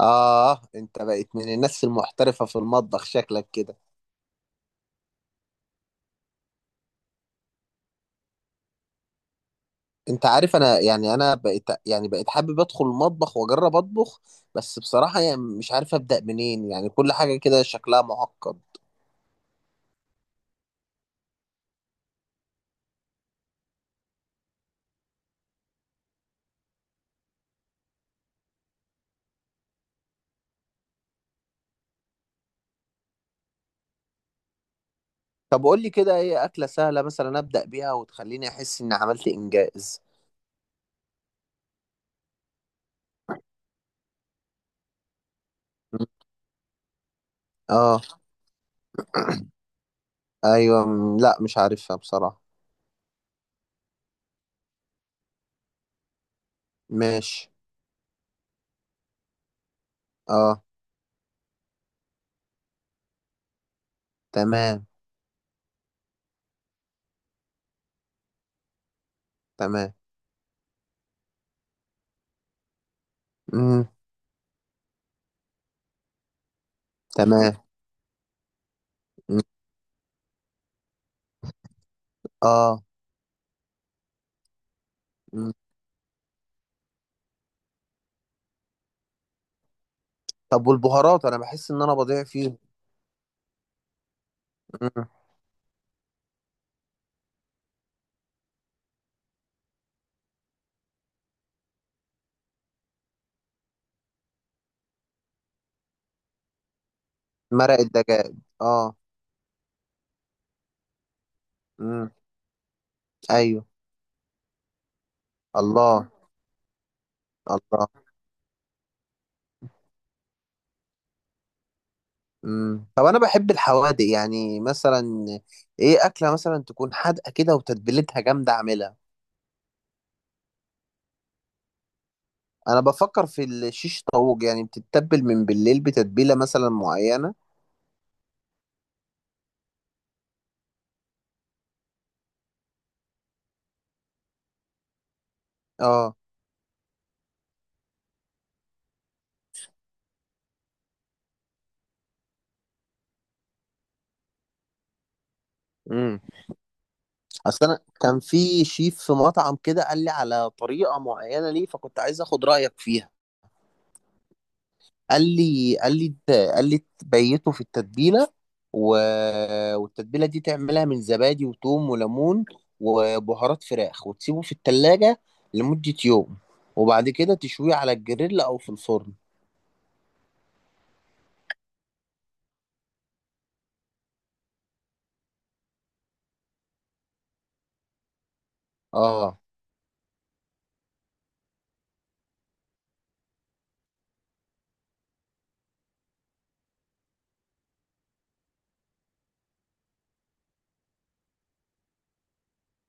آه، أنت بقيت من الناس المحترفة في المطبخ شكلك كده. أنت عارف أنا بقيت حابب أدخل المطبخ وأجرب أطبخ. بس بصراحة يعني مش عارف أبدأ منين، يعني كل حاجة كده شكلها معقد. طب قول لي كده إيه أكلة سهلة مثلا أبدأ بيها وتخليني أحس إني عملت إنجاز. آه. أيوة، لا مش عارفها بصراحة. ماشي. آه. تمام. تمام. مم. تمام. مم. آه. مم. طب والبهارات أنا بحس إن أنا بضيع فيهم. مرق الدجاج. اه. امم. ايوه. الله. الله. امم. طب انا بحب الحوادق، يعني مثلا ايه اكله مثلا تكون حادقه كده وتتبيلتها جامده اعملها. انا بفكر في الشيش طاووق، يعني بتتبل من بالليل بتتبيله مثلا معينه. اه. امم. اصل انا كان في شيف في مطعم كده قال لي على طريقه معينه، ليه فكنت عايز اخد رايك فيها. قال لي تبيته في التتبيله، و... والتتبيله دي تعملها من زبادي وثوم وليمون وبهارات فراخ، وتسيبه في التلاجة لمدة يوم، وبعد كده تشويه على الجريل او في الفرن. اه.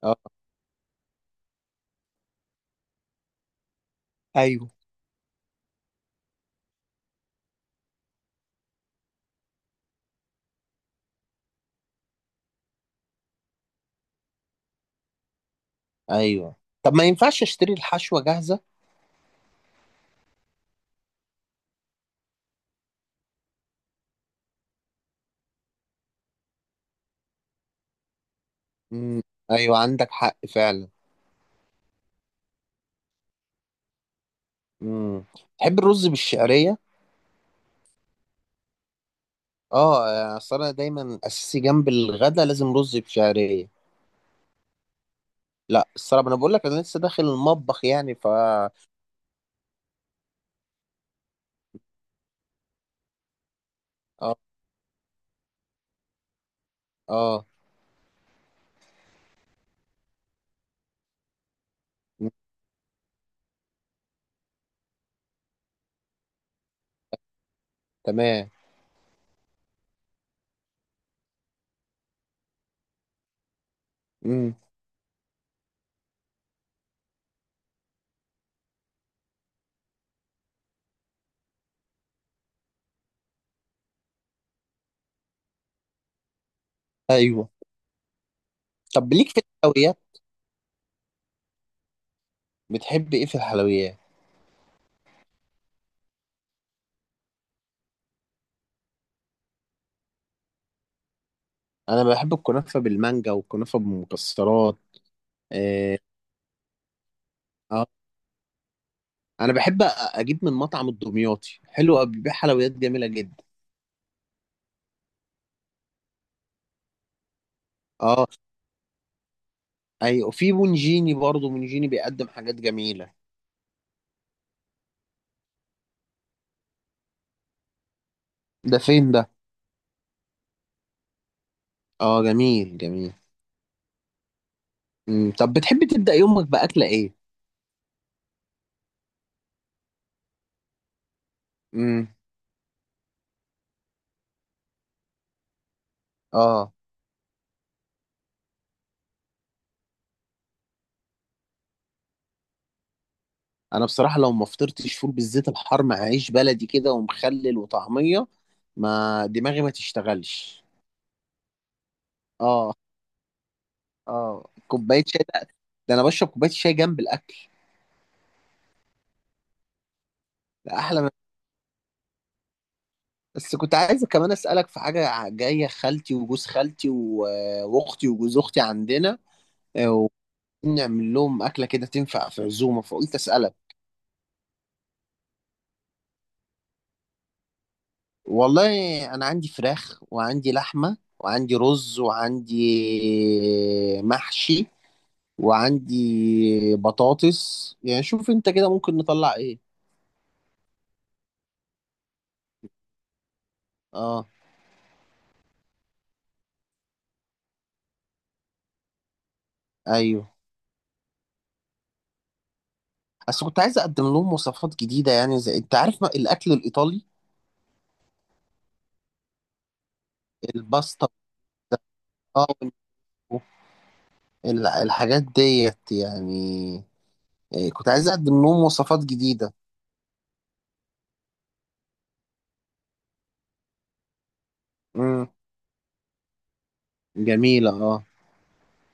اه. ايوه. ايوه. طب ما ينفعش اشتري الحشوه جاهزه؟ امم. ايوه، عندك حق فعلا. امم. تحب الرز بالشعريه؟ اه، اصل انا دايما اساسي جنب الغدا لازم رز بشعريه. لا الصراحه انا بقول لك انا لسه داخل المطبخ، يعني ف اه. اه. مم، تمام. امم. ايوه. طب ليك في الحلويات؟ بتحب ايه في الحلويات؟ انا بحب الكنافه بالمانجا والكنافه بالمكسرات. اه. آه. انا بحب أ- اجيب من مطعم الدمياطي حلو أوي، بيبيع حلويات جميله جدا. اه. ايوه، وفي بونجيني برضه، بونجيني بيقدم حاجات جميله. ده فين ده؟ اه، جميل جميل. امم. طب بتحب تبدا يومك باكله ايه؟ امم. اه. انا بصراحه لو ما فطرتش فول بالزيت الحار مع عيش بلدي كده ومخلل وطعميه، ما دماغي ما تشتغلش. اه. اه، كوبايه شاي. ده ده انا بشرب كوبايه شاي جنب الاكل. ده احلى من... بس كنت عايز كمان اسالك في حاجه. جايه خالتي وجوز خالتي واختي وجوز اختي عندنا. آه، ونعمل لهم اكله كده تنفع في عزومه، فقلت اسالك. والله انا عندي فراخ وعندي لحمه وعندي رز وعندي محشي وعندي بطاطس، يعني شوف انت كده ممكن نطلع ايه. اه. ايوه، بس كنت عايز اقدم لهم وصفات جديده، يعني زي انت عارف ما... الاكل الايطالي. الباستا. اه. وال- الحاجات ديت يعني. إيه، كنت عايز اقدم لهم وصفات جديده. امم. جميله، اه.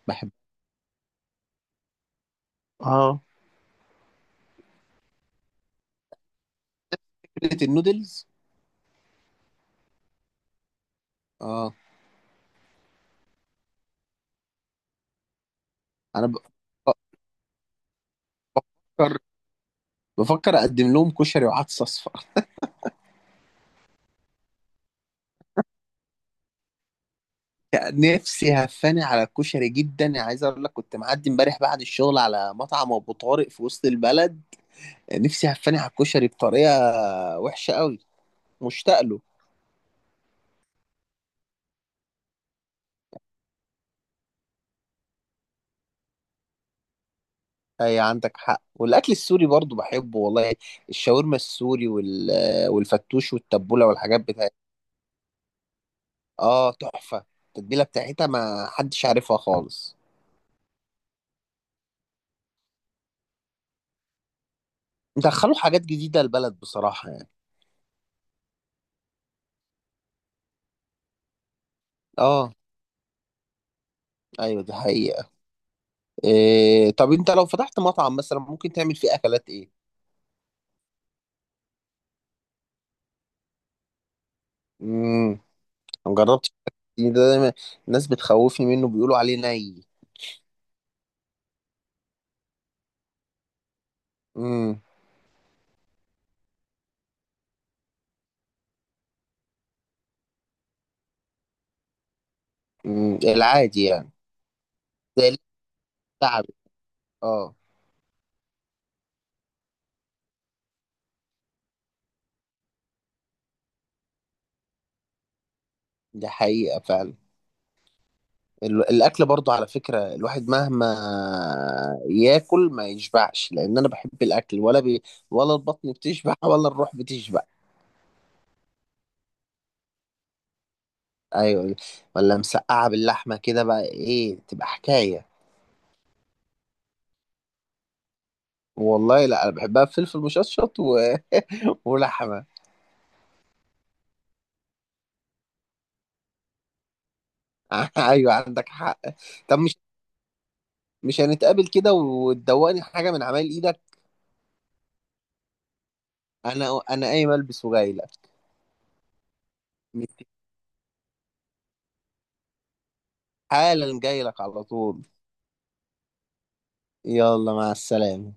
بحب. اه. فكره النودلز. اه. انا ب... بفكر. بفكر اقدم لهم كشري وعدس اصفر. نفسي هفاني على الكشري جدا، يعني عايز اقول لك كنت معدي امبارح بعد الشغل على مطعم ابو طارق في وسط البلد. نفسي هفاني على الكشري بطريقه وحشه قوي، مشتاق له. اي عندك حق. والاكل السوري برضو بحبه والله، الشاورما السوري والفتوش والتبوله والحاجات بتاعتها. اه تحفه، التتبيله بتاعتها ما حدش عارفها خالص. دخلوا حاجات جديده البلد بصراحه يعني. اه. ايوه، دي حقيقه. إيه... طب انت لو فتحت مطعم مثلا، ممكن تعمل فيه اكلات ايه؟ امم. ما جربتش، ده دايما الناس بتخوفني منه، بيقولوا عليه ني. امم. أمم، العادي يعني. زي اللي تعب. اه. ده حقيقة فعلا. ال- الاكل برضو على فكرة، الواحد مهما ياكل ما يشبعش لان انا بحب الاكل ولا بي، ولا البطن بتشبع ولا الروح بتشبع. ايوه. ولا مسقعة باللحمة كده بقى، ايه تبقى حكاية. والله لا انا بحبها بفلفل مشطشط و... ولحمة. ايوه، عندك حق. طب مش هنتقابل كده وتدوقني حاجة من عمايل ايدك؟ انا قايم البس وجاي لك. حالا جاي لك على طول. يلا، مع السلامة.